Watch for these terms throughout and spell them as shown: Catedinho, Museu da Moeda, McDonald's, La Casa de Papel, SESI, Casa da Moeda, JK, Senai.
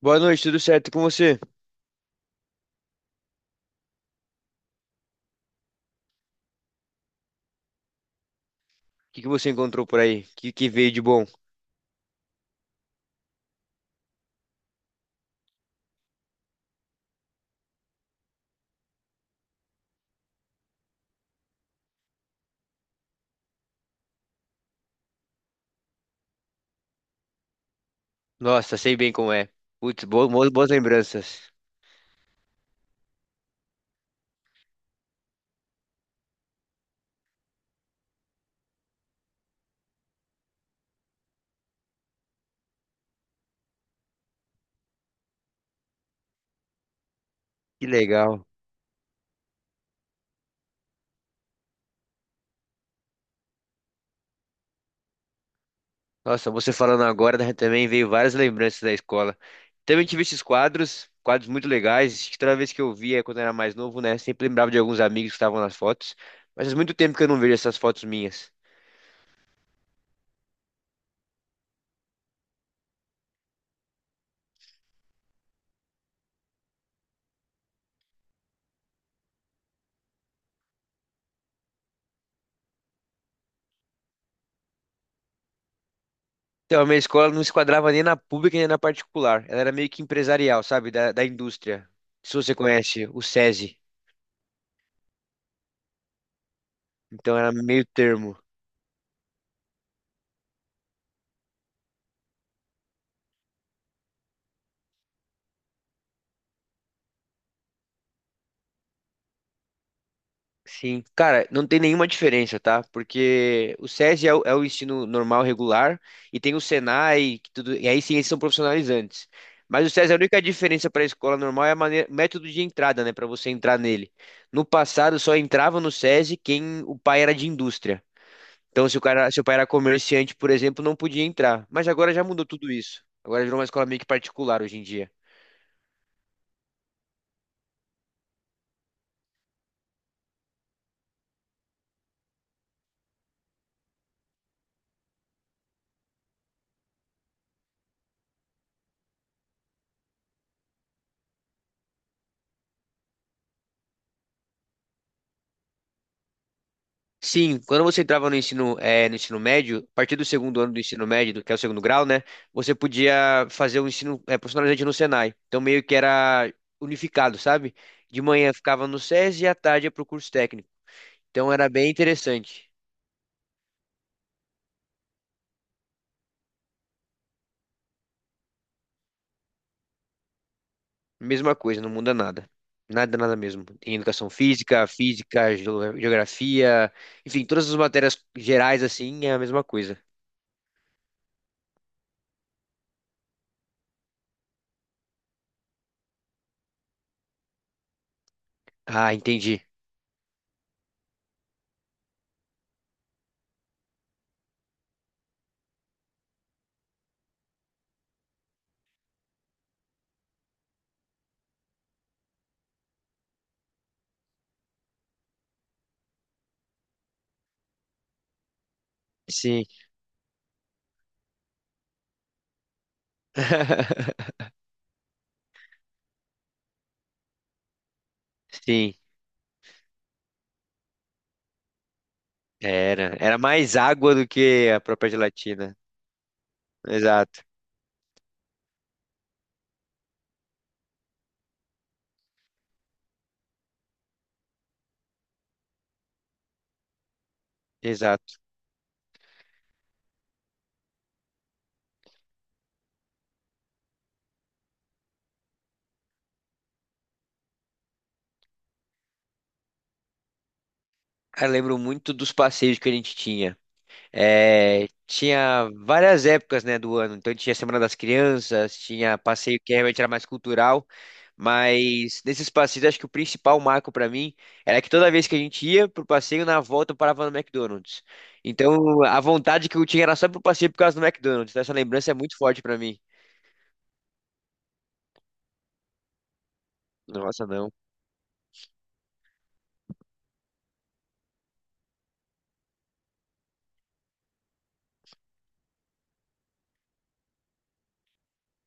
Boa noite, tudo certo com você? O que que você encontrou por aí? O que que veio de bom? Nossa, sei bem como é. Putz, boas lembranças. Que legal. Nossa, você falando agora, né? Também veio várias lembranças da escola. Também tive esses quadros, quadros muito legais. Acho que toda vez que eu via quando era mais novo, né? Sempre lembrava de alguns amigos que estavam nas fotos. Mas faz muito tempo que eu não vejo essas fotos minhas. Então, a minha escola não se quadrava nem na pública nem na particular. Ela era meio que empresarial, sabe? Da indústria. Se você conhece o SESI. Então era meio termo. Sim, cara, não tem nenhuma diferença, tá? Porque o SESI é o ensino normal, regular, e tem o Senai, que tudo, e aí sim, esses são profissionalizantes. Mas o SESI, a única diferença para a escola normal é a maneira, método de entrada, né? Para você entrar nele. No passado, só entrava no SESI quem o pai era de indústria. Então, se o cara, se o pai era comerciante, por exemplo, não podia entrar. Mas agora já mudou tudo isso. Agora virou uma escola meio que particular hoje em dia. Sim, quando você entrava no ensino, no ensino médio, a partir do segundo ano do ensino médio, que é o segundo grau, né? Você podia fazer o ensino, profissionalizante no Senai. Então, meio que era unificado, sabe? De manhã ficava no SES e à tarde ia pro curso técnico. Então, era bem interessante. Mesma coisa, não muda nada. Nada, nada mesmo. Tem educação física, física, geografia, enfim, todas as matérias gerais, assim, é a mesma coisa. Ah, entendi. Sim. Sim. Era, era mais água do que a própria gelatina. Exato, exato. Cara, eu lembro muito dos passeios que a gente tinha. É, tinha várias épocas, né, do ano. Então tinha Semana das Crianças, tinha passeio que realmente era mais cultural, mas nesses passeios acho que o principal marco pra mim era que toda vez que a gente ia pro passeio, na volta eu parava no McDonald's. Então a vontade que eu tinha era só pro passeio por causa do McDonald's. Então, essa lembrança é muito forte pra mim. Nossa, não.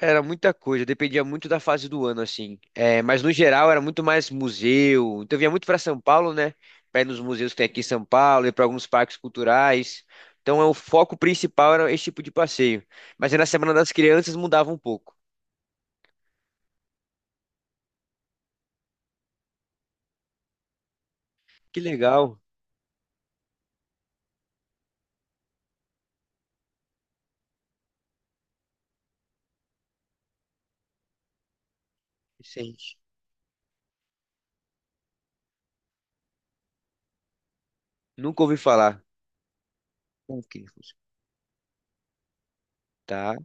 Era muita coisa, dependia muito da fase do ano, assim. É, mas no geral era muito mais museu. Então eu vinha muito para São Paulo, né? Para ir nos museus que tem aqui em São Paulo, e para alguns parques culturais. Então é, o foco principal era esse tipo de passeio. Mas aí na Semana das Crianças mudava um pouco. Que legal, Vicente. Nunca ouvi falar. Como tá,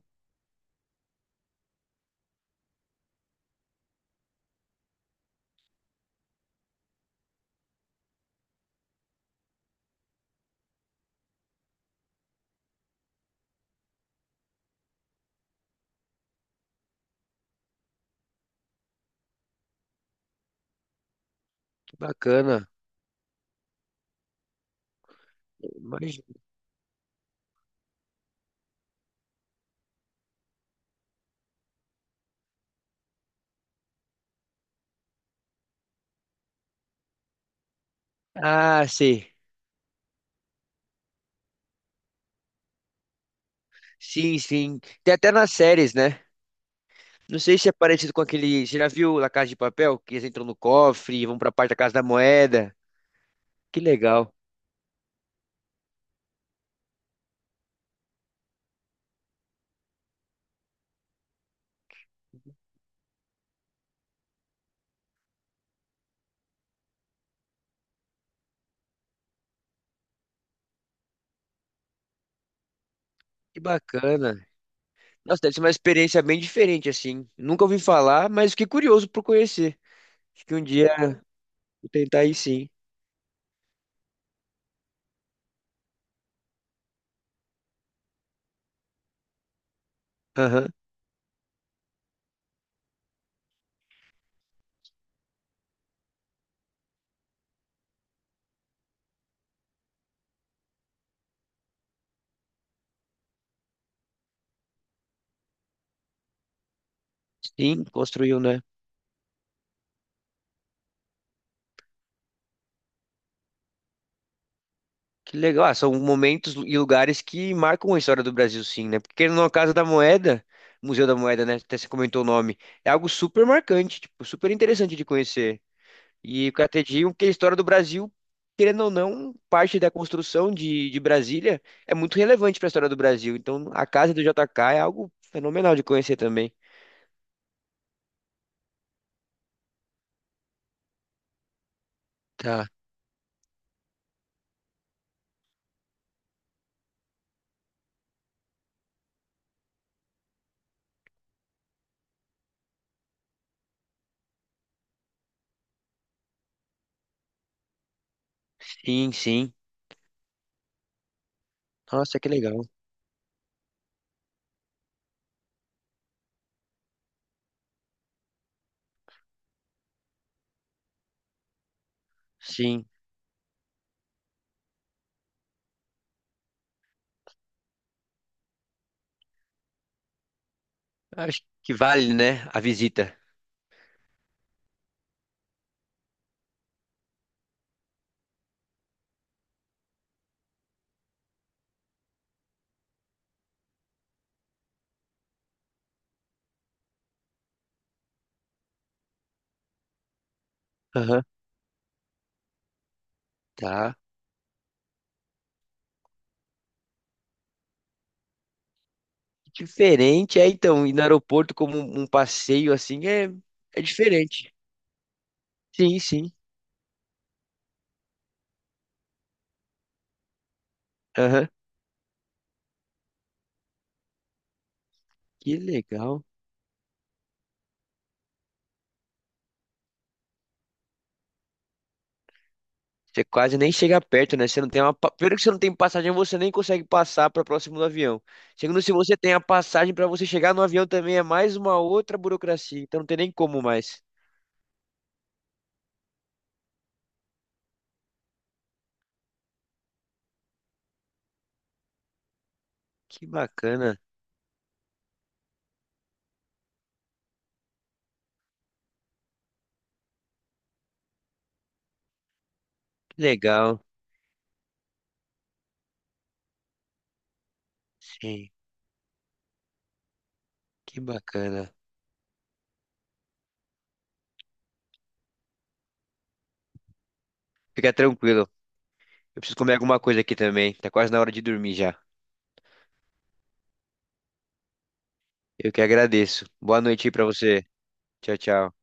que bacana. Imagina. Ah, sei. Sim, sim. Tem até nas séries, né? Não sei se é parecido com aquele. Você já viu La Casa de Papel? Que eles entram no cofre e vão pra parte da Casa da Moeda. Que legal. Que bacana. Nossa, deve ser uma experiência bem diferente, assim. Nunca ouvi falar, mas fiquei curioso por conhecer. Acho que um dia eu vou tentar ir sim. Aham. Sim, construiu, né? Que legal. Ah, são momentos e lugares que marcam a história do Brasil, sim, né? Porque na Casa da Moeda, Museu da Moeda, né? Até você comentou o nome. É algo super marcante, tipo, super interessante de conhecer. E o Catedinho, que a história do Brasil, querendo ou não, parte da construção de Brasília é muito relevante para a história do Brasil. Então, a casa do JK é algo fenomenal de conhecer também. Tá. Sim, sim. Nossa, que legal. Sim. Acho que vale, né, a visita. Aham. Tá. Diferente, é então, ir no aeroporto como um um passeio assim é, é diferente. Sim, sim. Aham. Que legal. Você quase nem chega perto, né? Você não tem uma. Primeiro que você não tem passagem, você nem consegue passar para próximo do avião. Segundo, se você tem a passagem para você chegar no avião também, é mais uma outra burocracia. Então não tem nem como mais. Que bacana. Que legal. Sim, que bacana. Fica tranquilo. Eu preciso comer alguma coisa aqui também. Tá quase na hora de dormir já. Eu que agradeço. Boa noite aí pra você. Tchau, tchau.